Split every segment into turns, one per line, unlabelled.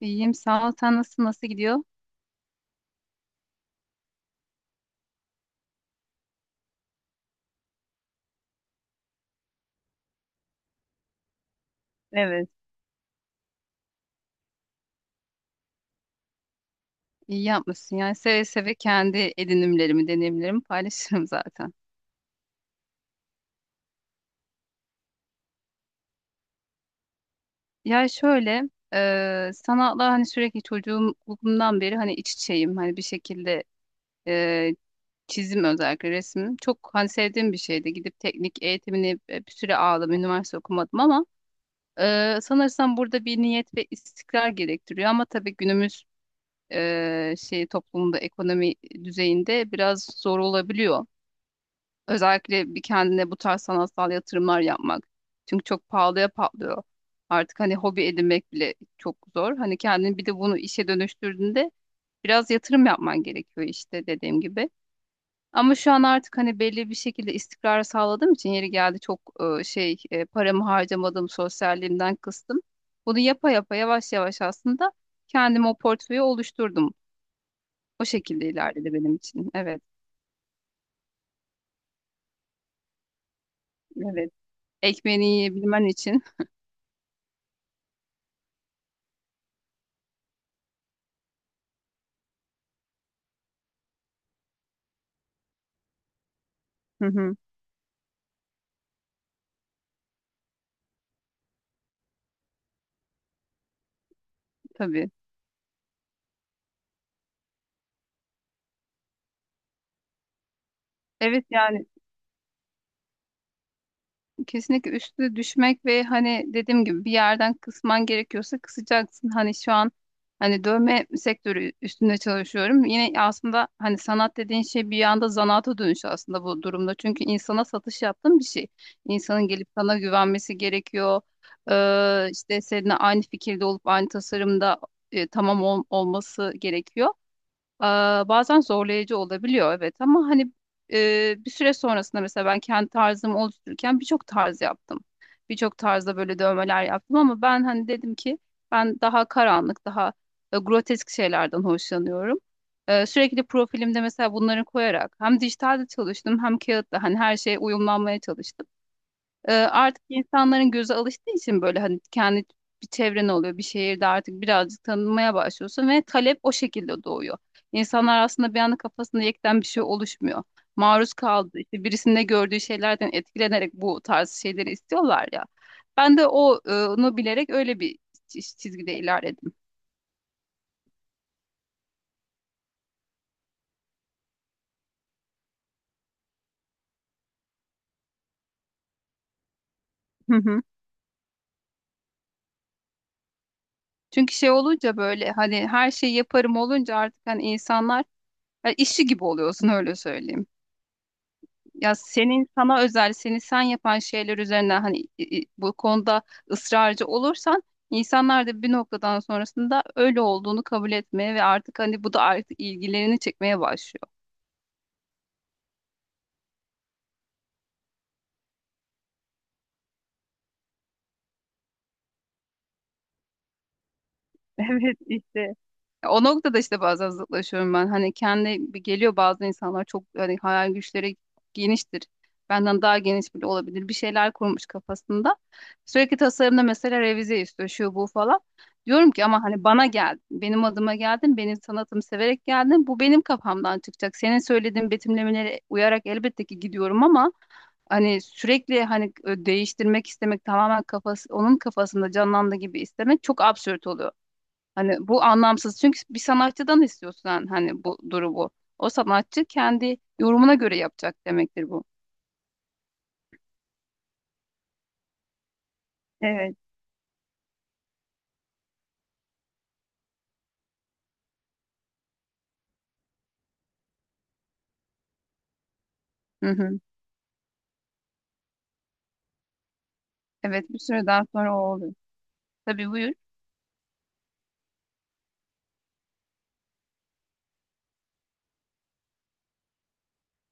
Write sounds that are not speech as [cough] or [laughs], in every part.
İyiyim sağ ol. Sen nasıl gidiyor? Evet. İyi yapmışsın. Yani seve seve kendi edinimlerimi, deneyimlerimi paylaşırım zaten. Ya şöyle, sanatla hani sürekli çocukluğumdan beri hani iç içeyim. Hani bir şekilde e, çizim özellikle resim. Çok hani sevdiğim bir şeydi. Gidip teknik eğitimini bir süre aldım. Üniversite okumadım ama sanırsam burada bir niyet ve istikrar gerektiriyor. Ama tabii günümüz toplumunda, ekonomi düzeyinde biraz zor olabiliyor. Özellikle bir kendine bu tarz sanatsal yatırımlar yapmak. Çünkü çok pahalıya patlıyor. Artık hani hobi edinmek bile çok zor. Hani kendini bir de bunu işe dönüştürdüğünde biraz yatırım yapman gerekiyor işte dediğim gibi. Ama şu an artık hani belli bir şekilde istikrar sağladığım için yeri geldi çok paramı harcamadım, sosyalliğimden kıstım. Bunu yapa yapa yavaş yavaş aslında kendime o portföyü oluşturdum. O şekilde ilerledi benim için. Evet, evet. Ekmeğini yiyebilmen için. [laughs] Hı hı, tabii. Evet yani kesinlikle üstüne düşmek ve hani dediğim gibi bir yerden kısman gerekiyorsa kısacaksın. Hani şu an hani dövme sektörü üstünde çalışıyorum. Yine aslında hani sanat dediğin şey bir yanda zanaata dönüşü aslında bu durumda. Çünkü insana satış yaptığın bir şey. İnsanın gelip sana güvenmesi gerekiyor. İşte seninle aynı fikirde olup aynı tasarımda tamam olması gerekiyor. Bazen zorlayıcı olabiliyor, evet, ama hani bir süre sonrasında mesela ben kendi tarzımı oluştururken birçok tarz yaptım. Birçok tarzda böyle dövmeler yaptım ama ben hani dedim ki ben daha karanlık, daha grotesk şeylerden hoşlanıyorum. Sürekli profilimde mesela bunları koyarak hem dijitalde çalıştım hem kağıtta hani her şeye uyumlanmaya çalıştım. Artık insanların gözü alıştığı için böyle hani kendi bir çevren oluyor, bir şehirde artık birazcık tanınmaya başlıyorsun ve talep o şekilde doğuyor. İnsanlar aslında bir anda kafasında yekten bir şey oluşmuyor. Maruz kaldı işte, birisinde gördüğü şeylerden etkilenerek bu tarz şeyleri istiyorlar ya. Ben de onu bilerek öyle bir çizgide ilerledim. [laughs] Çünkü şey olunca, böyle hani her şeyi yaparım olunca, artık hani insanlar ya işi gibi oluyorsun öyle söyleyeyim. Ya senin sana özel seni sen yapan şeyler üzerine hani bu konuda ısrarcı olursan insanlar da bir noktadan sonrasında öyle olduğunu kabul etmeye ve artık hani bu da artık ilgilerini çekmeye başlıyor. [laughs] Evet işte. O noktada işte bazen zıtlaşıyorum ben. Hani kendi geliyor, bazı insanlar çok hani hayal güçleri geniştir. Benden daha geniş bile olabilir. Bir şeyler kurmuş kafasında. Sürekli tasarımda mesela revize istiyor şu bu falan. Diyorum ki ama hani bana geldin. Benim adıma geldin. Benim sanatımı severek geldin. Bu benim kafamdan çıkacak. Senin söylediğin betimlemelere uyarak elbette ki gidiyorum ama hani sürekli hani değiştirmek istemek, tamamen kafası onun kafasında canlandığı gibi istemek çok absürt oluyor. Hani bu anlamsız. Çünkü bir sanatçıdan istiyorsun hani bu durumu. O sanatçı kendi yorumuna göre yapacak demektir bu. Evet. Hı hı. Evet, bir süreden sonra o oluyor. Tabii, buyur.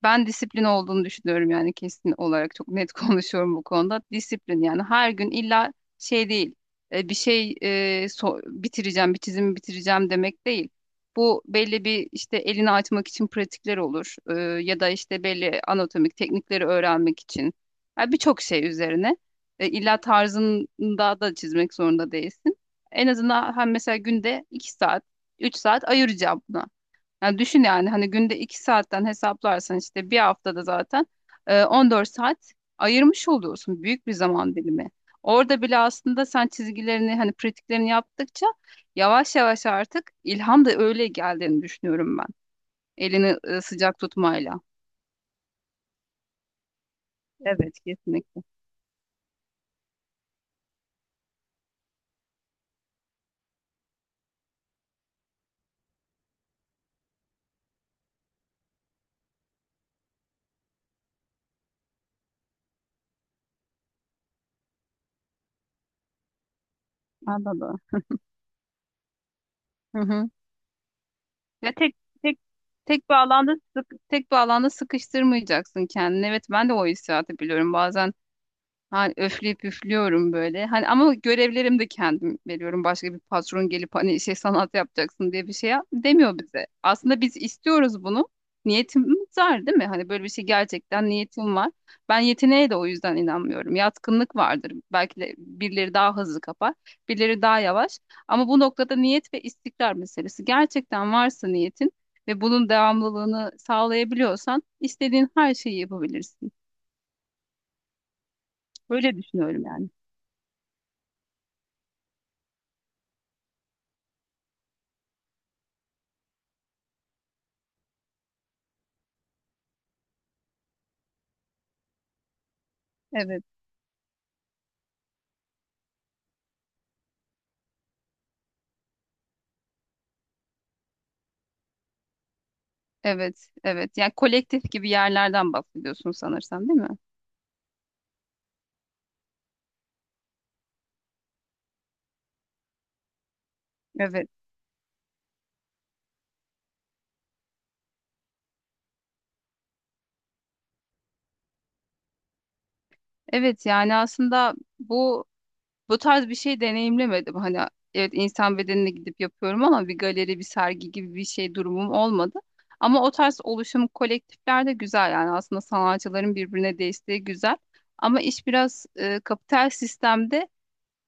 Ben disiplin olduğunu düşünüyorum, yani kesin olarak çok net [laughs] konuşuyorum bu konuda. Disiplin, yani her gün illa şey değil, bir şey bitireceğim, bir çizimi bitireceğim demek değil. Bu belli bir, işte, elini açmak için pratikler olur, ya da işte belli anatomik teknikleri öğrenmek için. Yani birçok şey üzerine illa tarzında da çizmek zorunda değilsin. En azından hem mesela günde 2 saat, 3 saat ayıracağım buna. Yani düşün, yani hani günde 2 saatten hesaplarsan işte bir haftada zaten 14 saat ayırmış oluyorsun. Büyük bir zaman dilimi. Orada bile aslında sen çizgilerini, hani pratiklerini yaptıkça yavaş yavaş artık ilham da öyle geldiğini düşünüyorum ben. Elini sıcak tutmayla. Evet, kesinlikle. Anladım. Hı hı. Ya tek tek bir alanda sıkıştırmayacaksın kendini. Evet, ben de o hissiyatı biliyorum. Bazen hani öfleyip üflüyorum böyle. Hani ama görevlerimi de kendim veriyorum. Başka bir patron gelip hani şey sanat yapacaksın diye bir şey demiyor bize. Aslında biz istiyoruz bunu. Niyetimiz var değil mi? Hani böyle bir şey, gerçekten niyetim var. Ben yeteneğe de o yüzden inanmıyorum. Yatkınlık vardır. Belki de birileri daha hızlı kapar, birileri daha yavaş. Ama bu noktada niyet ve istikrar meselesi. Gerçekten varsa niyetin ve bunun devamlılığını sağlayabiliyorsan istediğin her şeyi yapabilirsin. Böyle düşünüyorum yani. Evet. Evet, evet. Yani kolektif gibi yerlerden bahsediyorsun sanırsam, değil mi? Evet. Evet, yani aslında bu tarz bir şey deneyimlemedim. Hani evet, insan bedenine gidip yapıyorum ama bir galeri, bir sergi gibi bir şey durumum olmadı. Ama o tarz oluşum kolektifler de güzel, yani aslında sanatçıların birbirine desteği güzel. Ama iş biraz kapital sistemde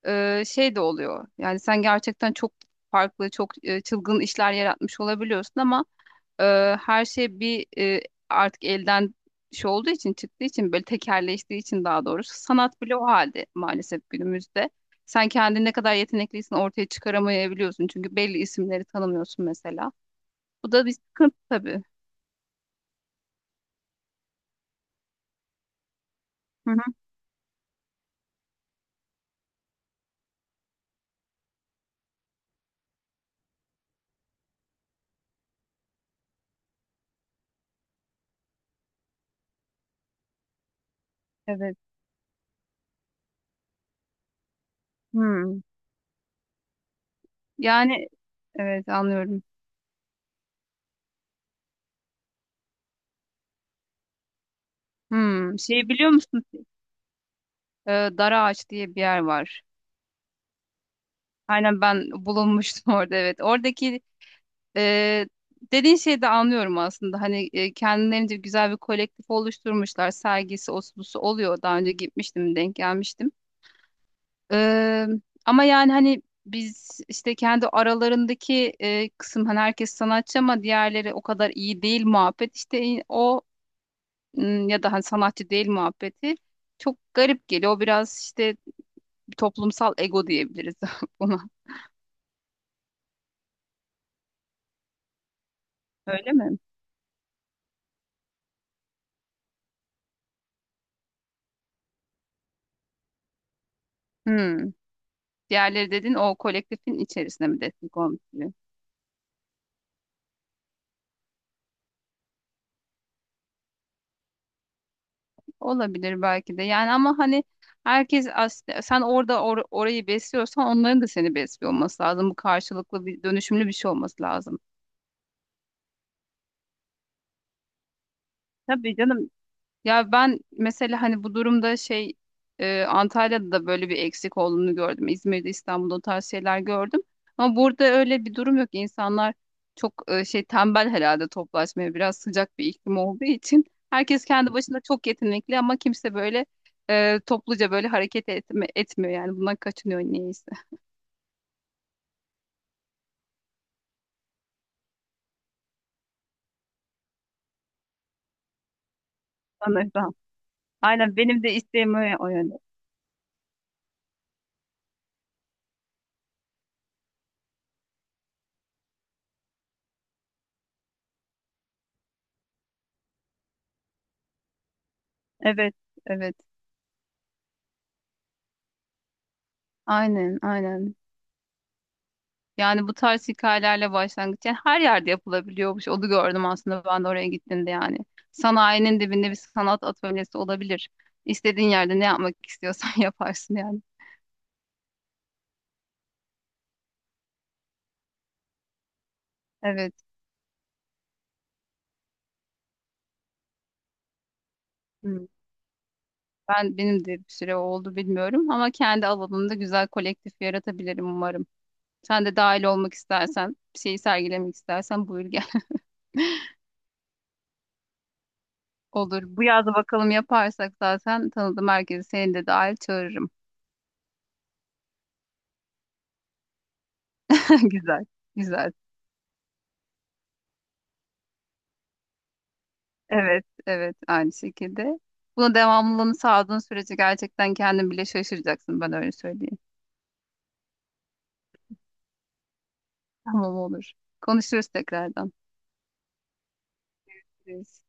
şey de oluyor. Yani sen gerçekten çok farklı, çok çılgın işler yaratmış olabiliyorsun ama e, her şey bir, artık elden şey olduğu için çıktığı için, böyle tekerleştiği için daha doğrusu sanat bile o halde maalesef günümüzde. Sen kendini ne kadar yetenekliysen ortaya çıkaramayabiliyorsun çünkü belli isimleri tanımıyorsun mesela. Bu da bir sıkıntı tabii. Hı hı, evet. Hmm. Yani evet, anlıyorum. Hmm. Şey, biliyor musun? Dara Ağaç diye bir yer var. Aynen, ben bulunmuştum [laughs] orada, evet. Oradaki. Ee, Dediğin şeyi de anlıyorum aslında. Hani kendilerince güzel bir kolektif oluşturmuşlar. Sergisi, osbusu oluyor. Daha önce gitmiştim, denk gelmiştim. Ee, Ama yani hani biz işte kendi aralarındaki kısım, hani herkes sanatçı ama diğerleri o kadar iyi değil muhabbet. İşte m, ya da hani sanatçı değil muhabbeti çok garip geliyor. O biraz işte toplumsal ego diyebiliriz [laughs] buna. Öyle mi? Hmm. Diğerleri dedin, o kolektifin içerisine mi destek olmuş? Olabilir, belki de. Yani ama hani herkes aslında, sen orada orayı besliyorsan onların da seni besliyor olması lazım. Bu karşılıklı bir, dönüşümlü bir şey olması lazım. Tabii canım. Ya ben mesela hani bu durumda Antalya'da da böyle bir eksik olduğunu gördüm. İzmir'de, İstanbul'da o tarz şeyler gördüm. Ama burada öyle bir durum yok. İnsanlar çok tembel herhalde, toplaşmaya. Biraz sıcak bir iklim olduğu için, herkes kendi başına çok yetenekli ama kimse böyle topluca böyle hareket etmiyor yani. Bundan kaçınıyor niyeyse. Sanırım. Aynen, benim de isteğim o yönde. Evet, evet. Aynen, aynen. Yani bu tarz hikayelerle başlangıç, yani her yerde yapılabiliyormuş. Onu gördüm aslında ben de oraya gittiğimde yani. Sanayinin dibinde bir sanat atölyesi olabilir. İstediğin yerde ne yapmak istiyorsan [laughs] yaparsın yani. Evet. Hmm. Benim de bir süre oldu bilmiyorum ama kendi alanımda güzel kolektif yaratabilirim umarım. Sen de dahil olmak istersen, bir şeyi sergilemek istersen buyur gel. [laughs] Olur. Bu yaz bakalım, yaparsak zaten tanıdığım herkesi, seni de dahil, çağırırım. [laughs] Güzel. Güzel. Evet, evet, aynı şekilde. Buna devamlılığını sağladığın sürece gerçekten kendin bile şaşıracaksın, ben öyle söyleyeyim. Tamam, olur. Konuşuruz tekrardan. Görüşürüz.